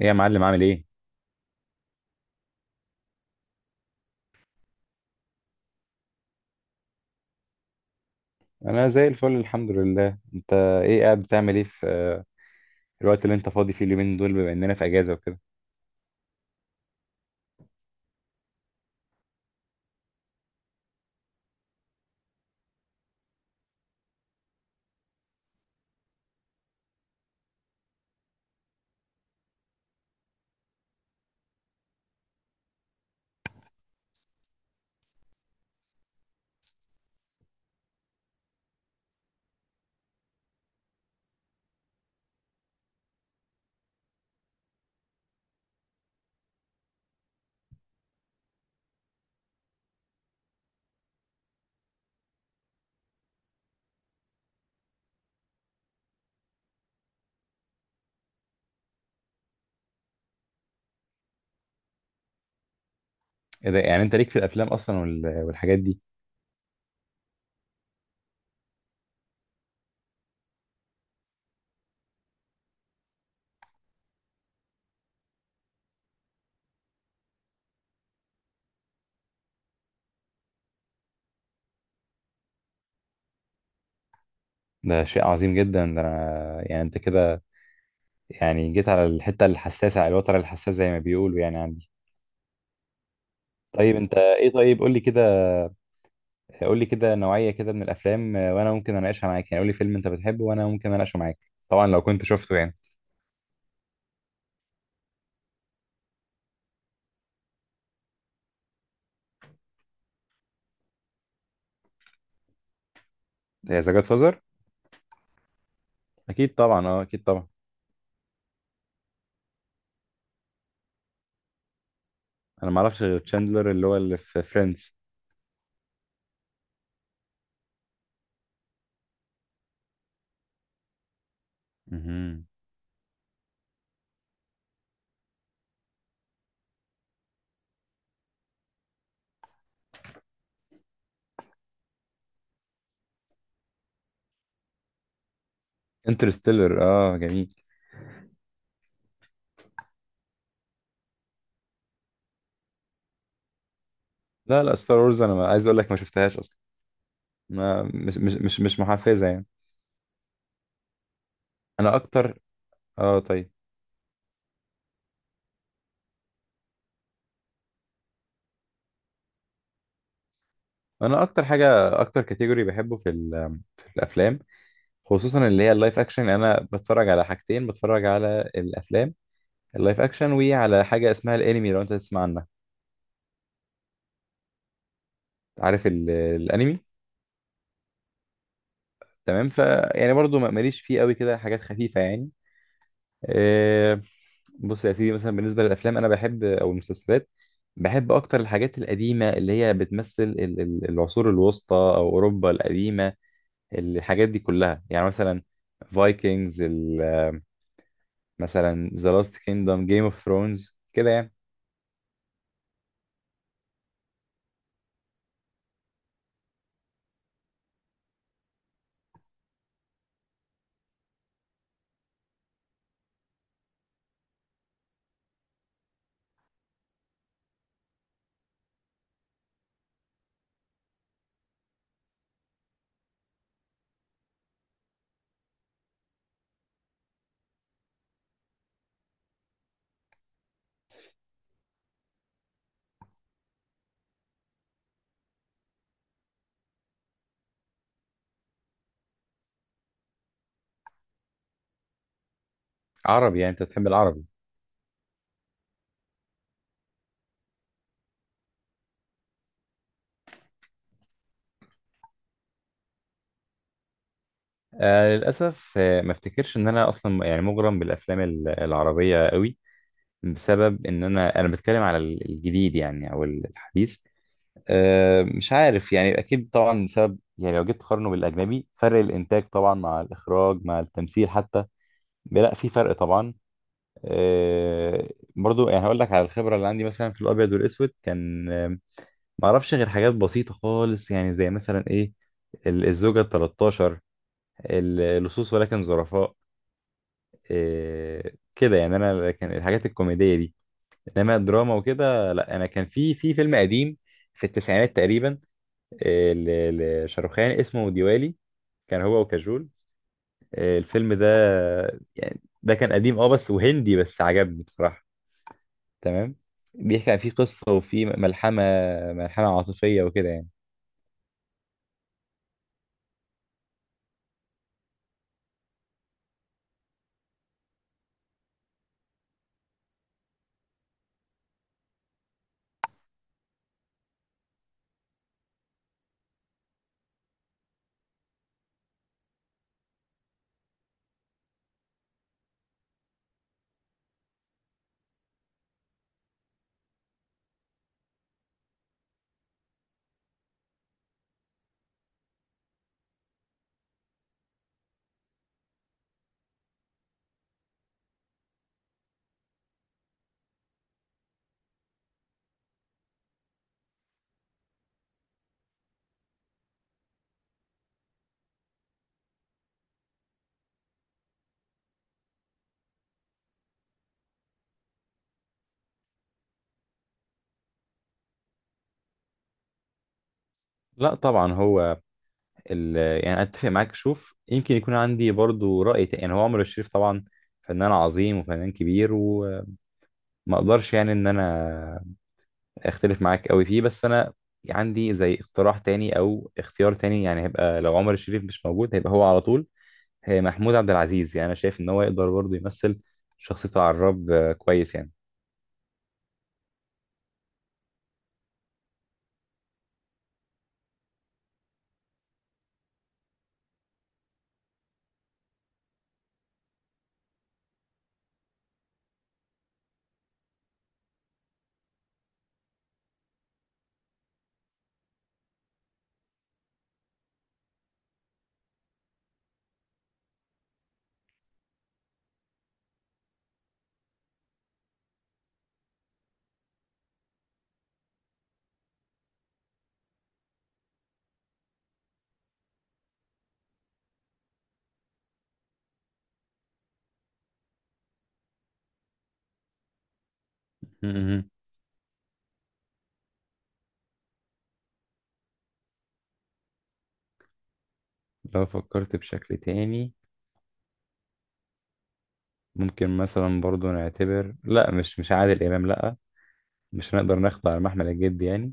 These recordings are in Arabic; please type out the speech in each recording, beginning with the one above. ايه يا معلم عامل ايه؟ انا زي الفل، الحمد لله. انت ايه قاعد بتعمل ايه في الوقت اللي انت فاضي فيه اليومين دول، بما اننا في اجازه وكده؟ ايه ده؟ يعني انت ليك في الافلام اصلا والحاجات دي؟ ده شيء عظيم جدا ده. انا يعني انت كده يعني جيت على الحته الحساسه، على الوتر الحساس زي ما بيقولوا، يعني عندي. طيب انت ايه؟ طيب قول لي كده، قول لي كده نوعيه كده من الافلام، وانا ممكن اناقشها معاك. يعني قول لي فيلم انت بتحبه وانا ممكن اناقشه معاك، طبعا لو كنت شفته يعني. ذا جاد فازر، اكيد طبعا، اه اكيد طبعا. انا ما اعرفش غير تشاندلر اللي هو اللي في فريندز. انترستيلر، اه جميل. لا لا، ستار وورز انا ما عايز اقول لك ما شفتهاش اصلا. ما مش محفزه يعني. انا اكتر، اه طيب، انا اكتر حاجه، اكتر كاتيجوري بحبه في في الافلام، خصوصا اللي هي اللايف اكشن. انا بتفرج على حاجتين، بتفرج على الافلام اللايف اكشن، وعلى حاجه اسمها الانمي لو انت تسمع عنها. عارف الانمي؟ تمام، ف يعني برضو ماليش فيه قوي كده، حاجات خفيفه يعني. آه، بص يا سيدي، مثلا بالنسبة للأفلام أنا بحب أو المسلسلات، بحب أكتر الحاجات القديمة اللي هي بتمثل العصور الوسطى أو أوروبا القديمة، الحاجات دي كلها يعني. مثلا فايكنجز، مثلا ذا لاست كيندم، جيم اوف ثرونز، كده يعني. عربي؟ يعني أنت بتحب العربي؟ آه للأسف، آه ما افتكرش إن أنا أصلا يعني مغرم بالأفلام العربية قوي، بسبب إن أنا، أنا بتكلم على الجديد يعني أو الحديث. أه مش عارف، يعني اكيد طبعا بسبب يعني لو جيت تقارنه بالاجنبي، فرق الانتاج طبعا، مع الاخراج، مع التمثيل حتى، لا في فرق طبعا. أه، برضو يعني هقول لك على الخبره اللي عندي، مثلا في الابيض والاسود كان ما اعرفش غير حاجات بسيطه خالص يعني، زي مثلا ايه، الزوجه ال 13، لصوص ولكن ظرفاء، أه كده يعني، انا كان الحاجات الكوميديه دي. انما الدراما وكده لا، انا كان في في فيلم قديم، في التسعينات تقريبا، آه، ل- لشاروخان اسمه ديوالي، كان هو وكاجول. الفيلم ده يعني، ده كان قديم اه بس، وهندي بس عجبني بصراحة، تمام. بيحكي عن، فيه قصة وفيه ملحمة، ملحمة عاطفية وكده يعني. لا طبعا هو ال... يعني اتفق معاك. شوف، يمكن يكون عندي برضو رأي تاني. يعني هو عمرو الشريف طبعا فنان عظيم وفنان كبير، وما اقدرش يعني ان انا اختلف معاك قوي فيه، بس انا عندي زي اقتراح تاني او اختيار تاني، يعني هيبقى لو عمر الشريف مش موجود هيبقى هو على طول، هي محمود عبد العزيز. يعني انا شايف ان هو يقدر برضه يمثل شخصية العراب كويس يعني. مهم. لو فكرت بشكل تاني، ممكن مثلا برضه نعتبر، لا مش عادل امام لا، مش هنقدر ناخده على محمل الجد يعني.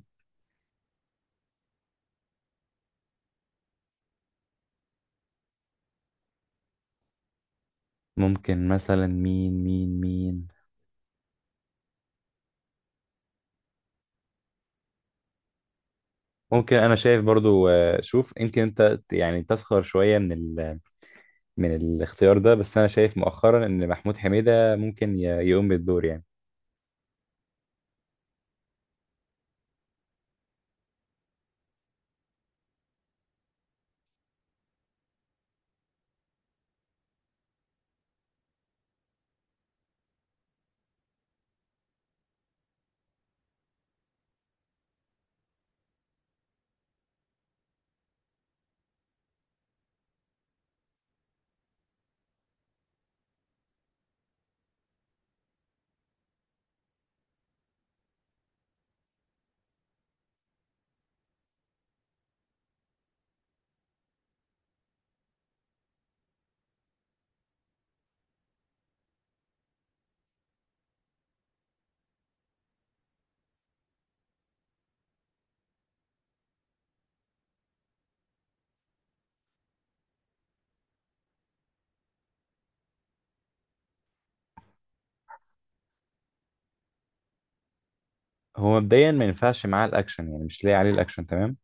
ممكن مثلا مين مين؟ ممكن، انا شايف برضو، شوف يمكن انت يعني تسخر شوية من من الاختيار ده، بس انا شايف مؤخرا ان محمود حميدة ممكن يقوم بالدور يعني. هو مبدئيا ما ينفعش معاه الاكشن يعني، مش لاقي عليه الاكشن، تمام.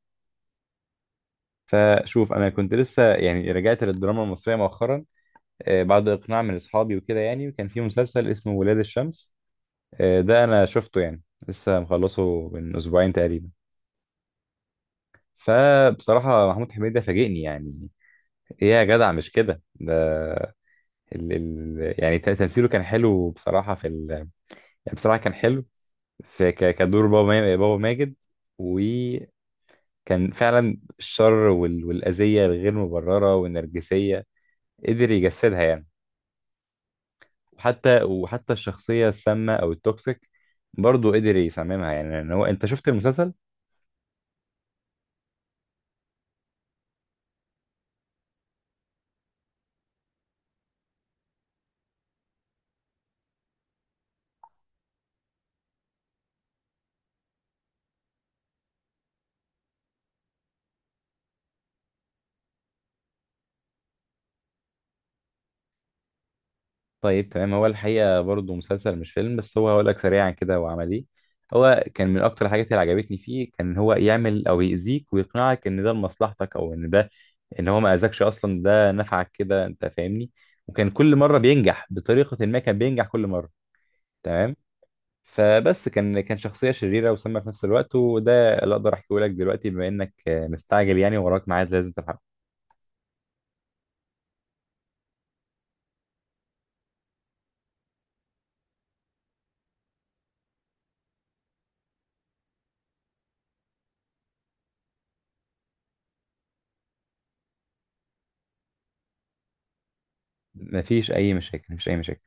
فشوف، انا كنت لسه يعني رجعت للدراما المصرية مؤخرا، بعد اقناع من اصحابي وكده يعني، وكان في مسلسل اسمه ولاد الشمس. ده انا شفته يعني، لسه مخلصه من اسبوعين تقريبا. فبصراحة محمود حميدة فاجئني يعني، ايه يا جدع مش كده ده! ال يعني تمثيله كان حلو بصراحة في يعني بصراحة كان حلو في كدور بابا، بابا ماجد. وكان فعلا الشر والأذية الغير مبررة والنرجسية قدر يجسدها يعني. وحتى وحتى الشخصية السامة أو التوكسيك برضه قدر يصممها يعني، لأن هو، أنت شفت المسلسل؟ طيب تمام، هو الحقيقة برضه مسلسل مش فيلم، بس هو هقول لك سريعا كده هو عمل إيه. هو كان من أكتر الحاجات اللي عجبتني فيه، كان هو يعمل أو يأذيك ويقنعك إن ده لمصلحتك أو إن ده، ان هو ما اذاكش اصلا ده نفعك كده، انت فاهمني؟ وكان كل مره بينجح بطريقه ما، كان بينجح كل مره، تمام. فبس كان، كان شخصيه شريره وسامه في نفس الوقت، وده اللي اقدر احكيه لك دلوقتي بما انك مستعجل يعني، وراك ميعاد لازم تلحقه. مفيش اي مشاكل، مفيش اي مشاكل.